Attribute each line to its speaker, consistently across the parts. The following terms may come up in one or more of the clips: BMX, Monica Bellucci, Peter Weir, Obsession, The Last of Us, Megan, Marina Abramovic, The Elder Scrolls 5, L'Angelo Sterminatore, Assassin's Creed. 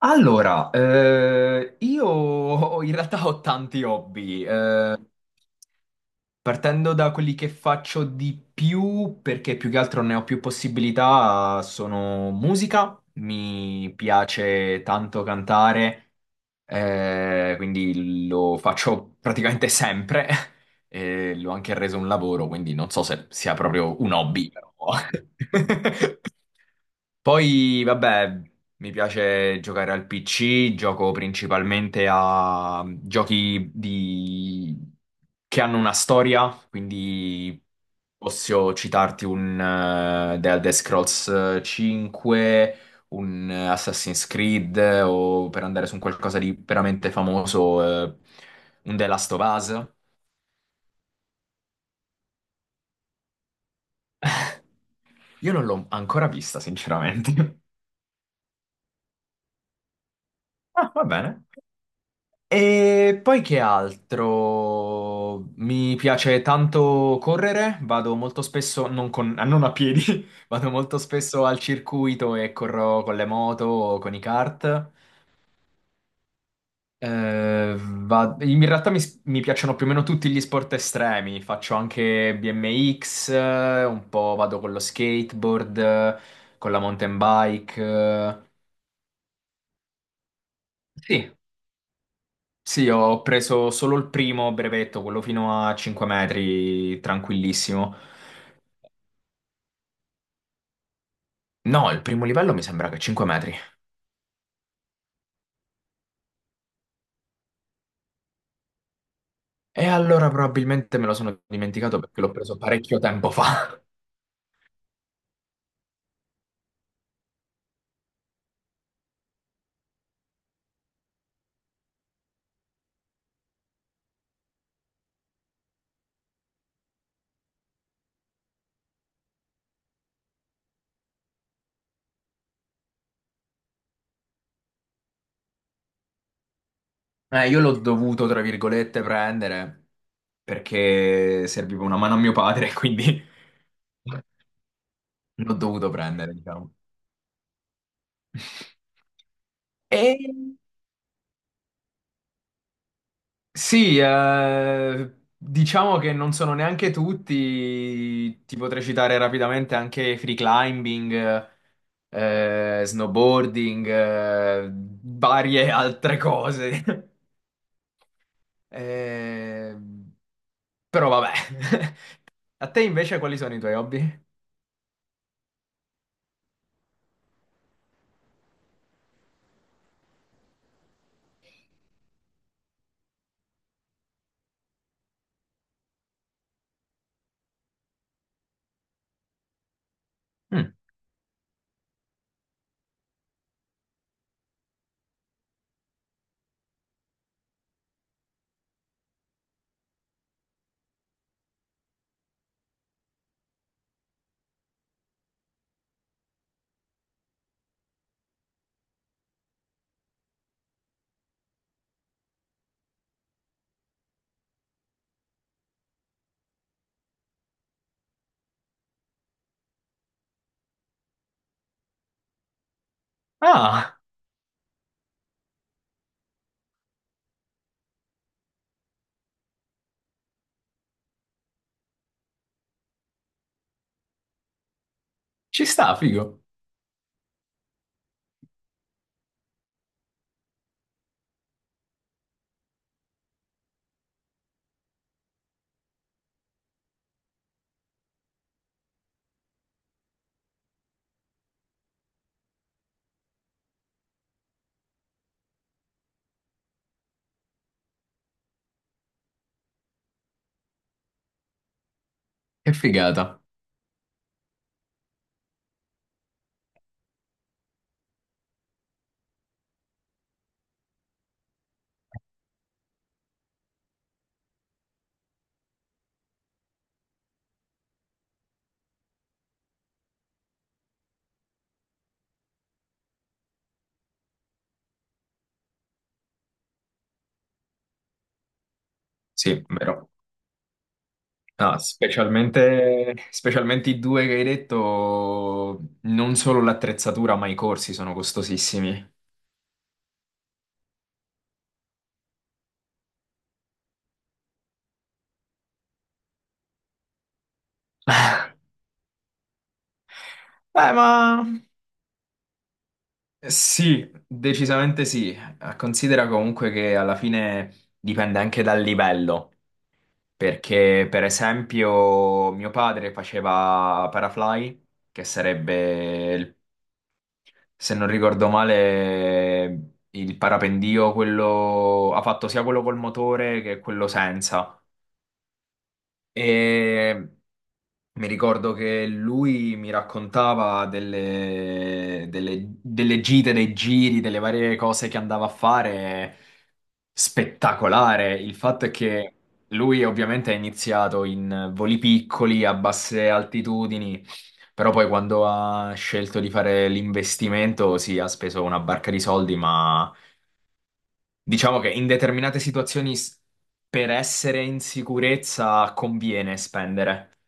Speaker 1: Allora, io in realtà ho tanti hobby, partendo da quelli che faccio di più, perché più che altro ne ho più possibilità, sono musica, mi piace tanto cantare, quindi lo faccio praticamente sempre, e l'ho anche reso un lavoro, quindi non so se sia proprio un hobby, però... Poi, vabbè, mi piace giocare al PC, gioco principalmente a giochi di... che hanno una storia, quindi posso citarti un The Elder Scrolls 5, un Assassin's Creed o per andare su un qualcosa di veramente famoso, un The Last of Us. Io non l'ho ancora vista, sinceramente. Ah, va bene. E poi che altro? Mi piace tanto correre, vado molto spesso, non, ah, non a piedi, vado molto spesso al circuito e corro con le moto o con i kart. In realtà mi piacciono più o meno tutti gli sport estremi, faccio anche BMX, un po' vado con lo skateboard, con la mountain bike. Sì. Sì, ho preso solo il primo brevetto, quello fino a 5 metri, tranquillissimo. No, il primo livello mi sembra che è 5 metri. E allora probabilmente me lo sono dimenticato perché l'ho preso parecchio tempo fa. Io l'ho dovuto, tra virgolette, prendere perché serviva una mano a mio padre, quindi l'ho dovuto prendere, diciamo. E sì, diciamo che non sono neanche tutti, ti potrei citare rapidamente anche free climbing, snowboarding, varie altre cose. Eh, Però vabbè. A te invece quali sono i tuoi hobby? Mm. Ah, ci sta, figo. Che figata. Sì, vero. No, specialmente, specialmente i due che hai detto, non solo l'attrezzatura, ma i corsi sono costosissimi. Ma sì, decisamente sì. Considera comunque che alla fine dipende anche dal livello, perché per esempio mio padre faceva parafly, che sarebbe, se non ricordo male, il parapendio, quello ha fatto sia quello col motore che quello senza. E mi ricordo che lui mi raccontava delle, delle gite, dei giri, delle varie cose che andava a fare. Spettacolare. Il fatto è che lui ovviamente ha iniziato in voli piccoli, a basse altitudini, però poi quando ha scelto di fare l'investimento, sì, ha speso una barca di soldi, ma diciamo che in determinate situazioni per essere in sicurezza conviene spendere.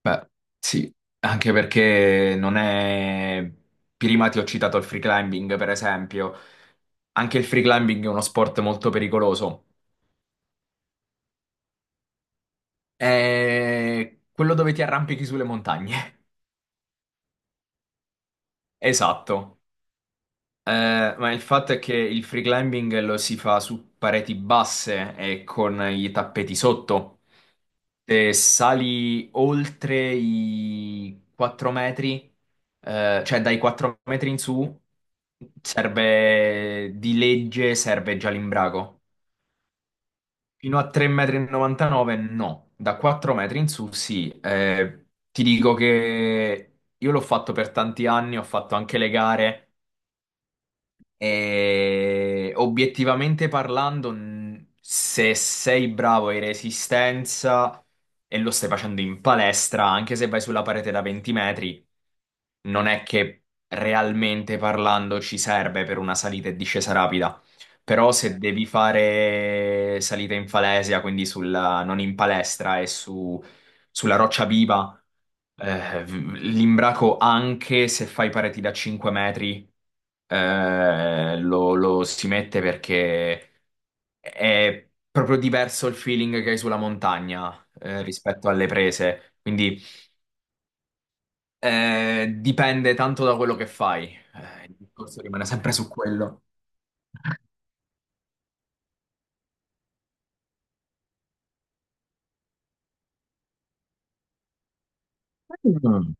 Speaker 1: Beh, sì, anche perché non è... Prima ti ho citato il free climbing, per esempio. Anche il free climbing è uno sport molto pericoloso. È quello dove ti arrampichi sulle montagne. Esatto. Ma il fatto è che il free climbing lo si fa su pareti basse e con i tappeti sotto. Se sali oltre i 4 metri, cioè dai 4 metri in su, serve di legge, serve già l'imbrago. Fino a 3,99 metri no, da 4 metri in su sì. Ti dico che io l'ho fatto per tanti anni, ho fatto anche le gare e obiettivamente parlando, se sei bravo in resistenza e lo stai facendo in palestra, anche se vai sulla parete da 20 metri, non è che realmente parlando ci serve per una salita e discesa rapida. Però se devi fare salita in falesia, non in palestra sulla roccia viva, l'imbraco anche se fai pareti da 5 metri lo, lo si mette perché è proprio diverso il feeling che hai sulla montagna rispetto alle prese. Quindi dipende tanto da quello che fai. Il discorso rimane sempre su quello. Mm.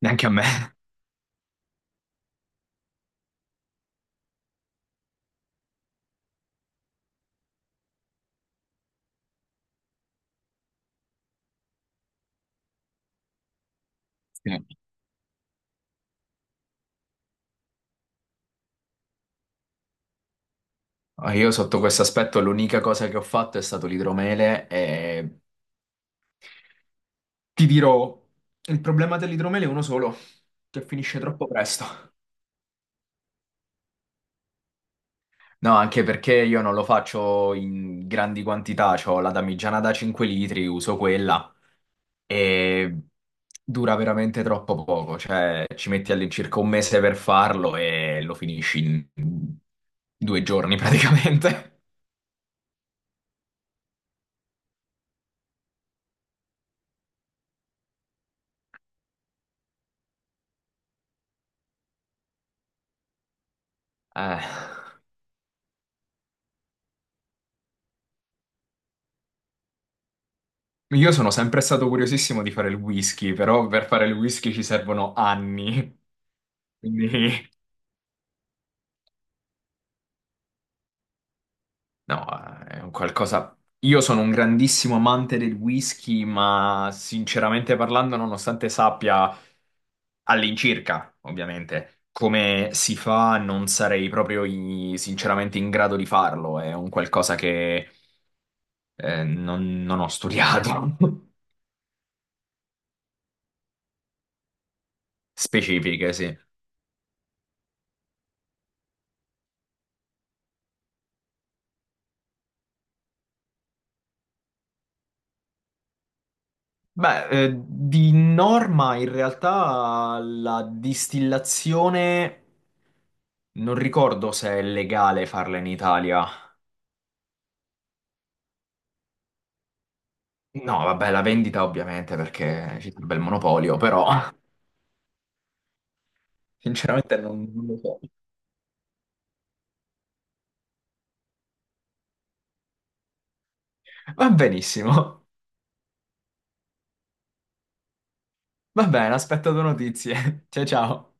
Speaker 1: Neanche a me. Sì. Ah, io sotto questo aspetto l'unica cosa che ho fatto è stato l'idromele e ti dirò, il problema dell'idromele è uno solo, che finisce troppo presto. No, anche perché io non lo faccio in grandi quantità, ho la damigiana da 5 litri, uso quella e dura veramente troppo poco, cioè ci metti all'incirca 1 mese per farlo e lo finisci in 2 giorni praticamente. Eh, Io sono sempre stato curiosissimo di fare il whisky, però per fare il whisky ci servono anni, quindi no, è un qualcosa. Io sono un grandissimo amante del whisky, ma sinceramente parlando, nonostante sappia all'incirca, ovviamente, come si fa, non sarei proprio sinceramente in grado di farlo. È un qualcosa che non, non ho studiato. Specifiche, sì. Beh, di norma in realtà la distillazione non ricordo se è legale farla in Italia. No, vabbè, la vendita ovviamente perché ci sarebbe il monopolio, però sinceramente non lo so. Va benissimo. Va bene, aspetto tue notizie. Ciao ciao.